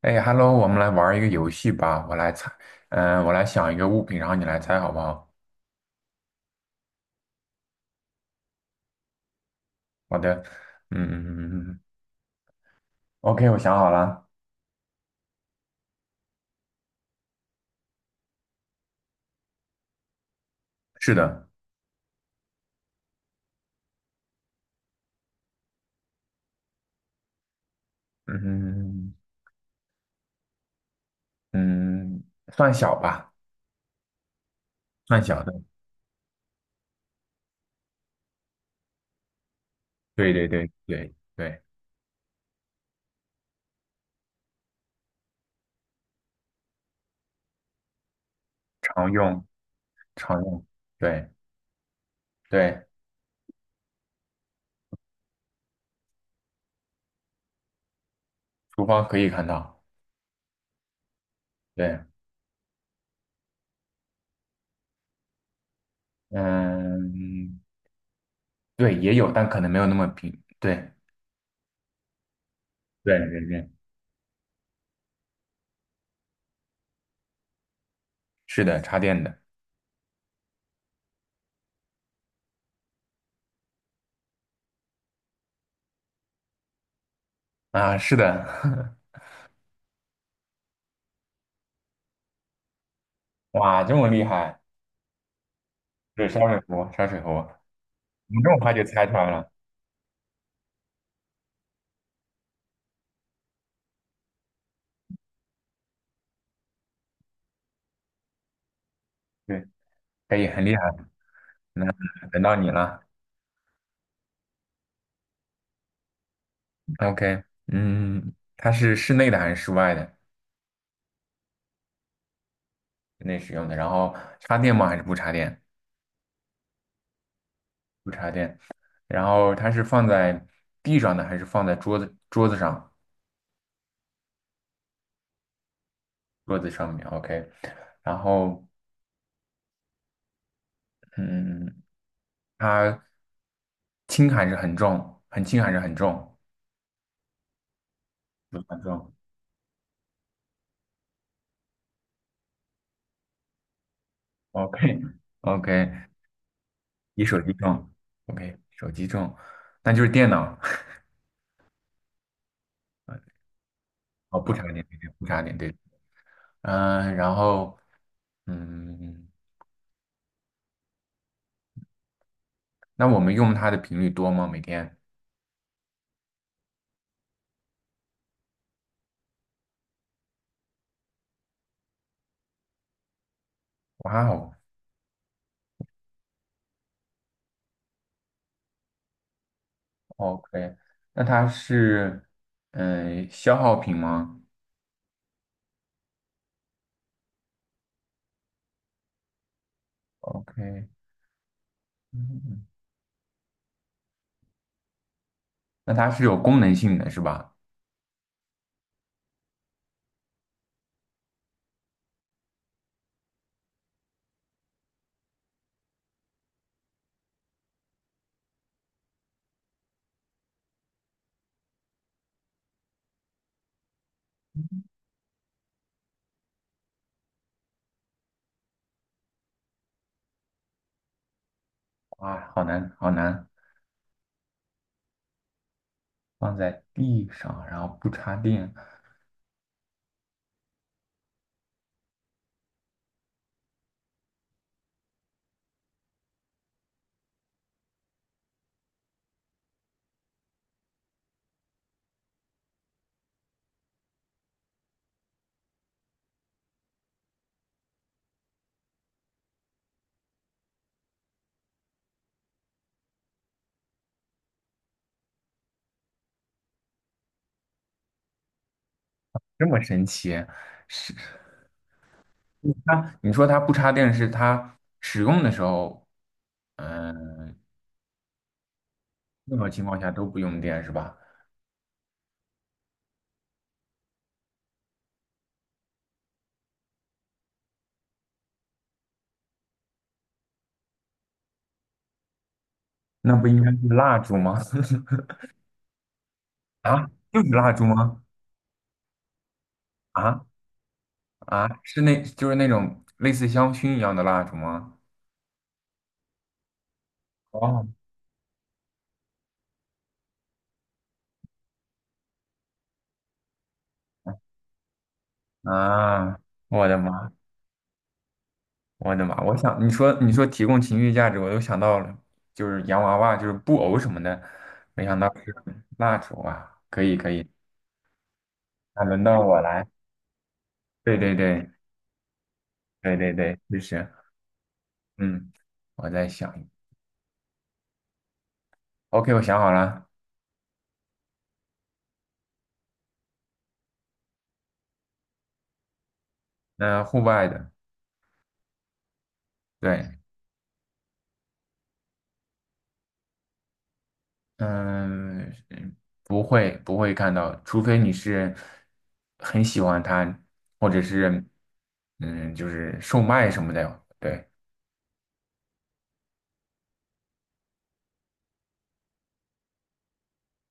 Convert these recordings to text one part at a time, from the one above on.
哎，Hello，我们来玩一个游戏吧。我来猜，我来想一个物品，然后你来猜，好不好？好的，嗯，OK，嗯嗯嗯我想好了。是的，嗯嗯，算小吧，算小的。对对对对对，常用常用，对对，厨房可以看到。对，嗯，对，也有，但可能没有那么平。对对对对，是的，插电的啊，是的，哇，这么厉害。对，烧水壶，烧水壶，你这么快就猜出来了，对，可以，很厉害。那等到你了，OK，嗯，它是室内的还是室外的？室内使用的，然后插电吗？还是不插电？不插电。然后它是放在地上的还是放在桌子上？桌子上面，OK。然后，嗯，它轻还是很重？很轻还是很重？不很重，OK，OK，比手机重，OK，手机重，那就是电脑。哦，不插电，对对，不插电，对，然后，嗯，那我们用它的频率多吗？每天？哇哦，OK，那它是，消耗品吗？OK，嗯，那它是有功能性的，是吧？哇，好难，好难，放在地上，然后不插电，这么神奇？是嗯它？你说它不插电，是它使用的时候，嗯、任何情况下都不用电，是吧？那不应该是蜡烛吗？啊，就是蜡烛吗？啊啊，就是那种类似香薰一样的蜡烛吗？哦，啊，我的妈，我的妈！我想你说提供情绪价值，我都想到了，就是洋娃娃，就是布偶什么的，没想到是蜡烛啊！可以可以，那轮到我来。对对对对对对，就是，嗯，我在想 o k 我想好了，那户外的，对，嗯，不会看到，除非你是很喜欢它，或者是，就是售卖什么的。对，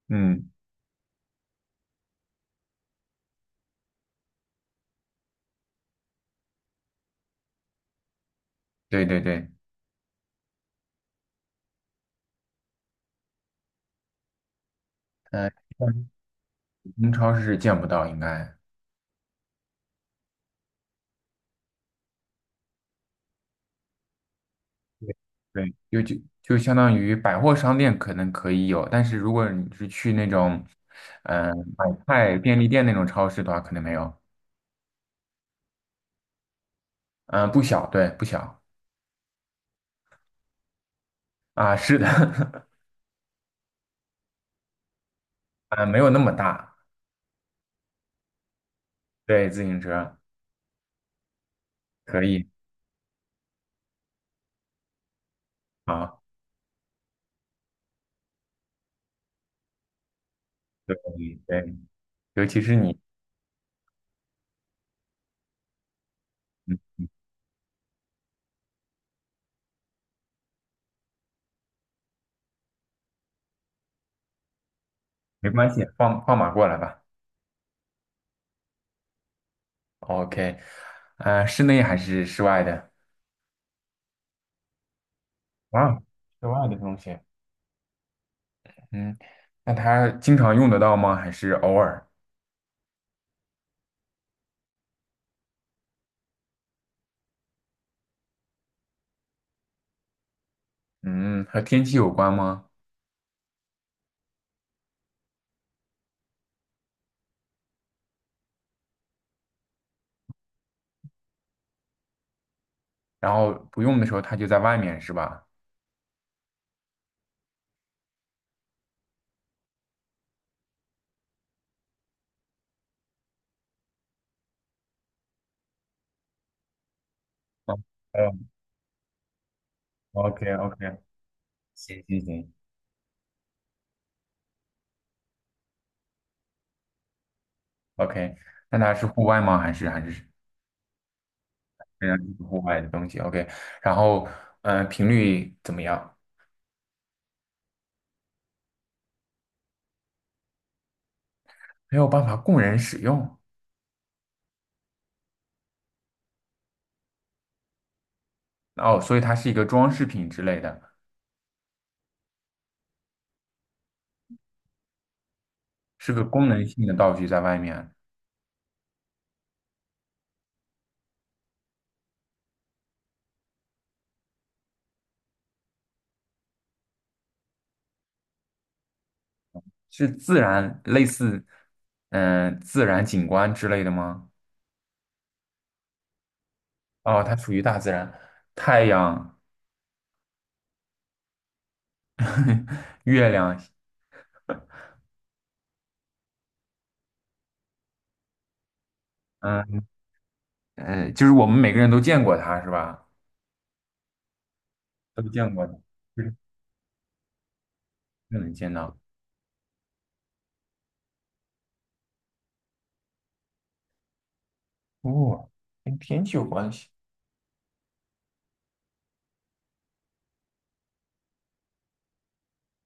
嗯，对对对，呃，普通超市是见不到，应该对对，就相当于百货商店可能可以有，但是如果你是去那种买菜便利店那种超市的话，可能没有。嗯、不小，对，不小啊，是的，啊，没有那么大。对，自行车可以，好。对对，尤其是你，嗯，没关系，放马过来吧。OK，啊、室内还是室外的？啊，室外的东西，嗯，那它经常用得到吗？还是偶尔？嗯，和天气有关吗？然后不用的时候它就在外面是吧？嗯嗯，OK OK，行行行，OK，那它是户外吗？还是仍然是户外的东西？OK，然后频率怎么样？没有办法供人使用。哦，所以它是一个装饰品之类的，是个功能性的道具在外面，是自然类似，自然景观之类的吗？哦，它属于大自然，太阳、月亮，嗯就是我们每个人都见过它是吧？都见过的，就是就能见到。哦，跟天气有关系，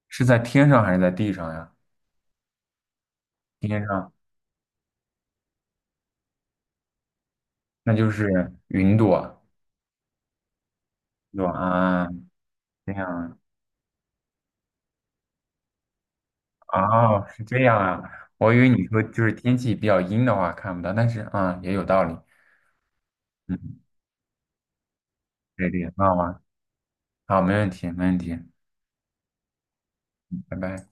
是在天上还是在地上呀？天上，那就是云朵，对吧？啊，这样。哦，是这样啊，我以为你说就是天气比较阴的话看不到，但是啊，也有道理。嗯，对对，很好玩。好，没问题，没问题，拜拜。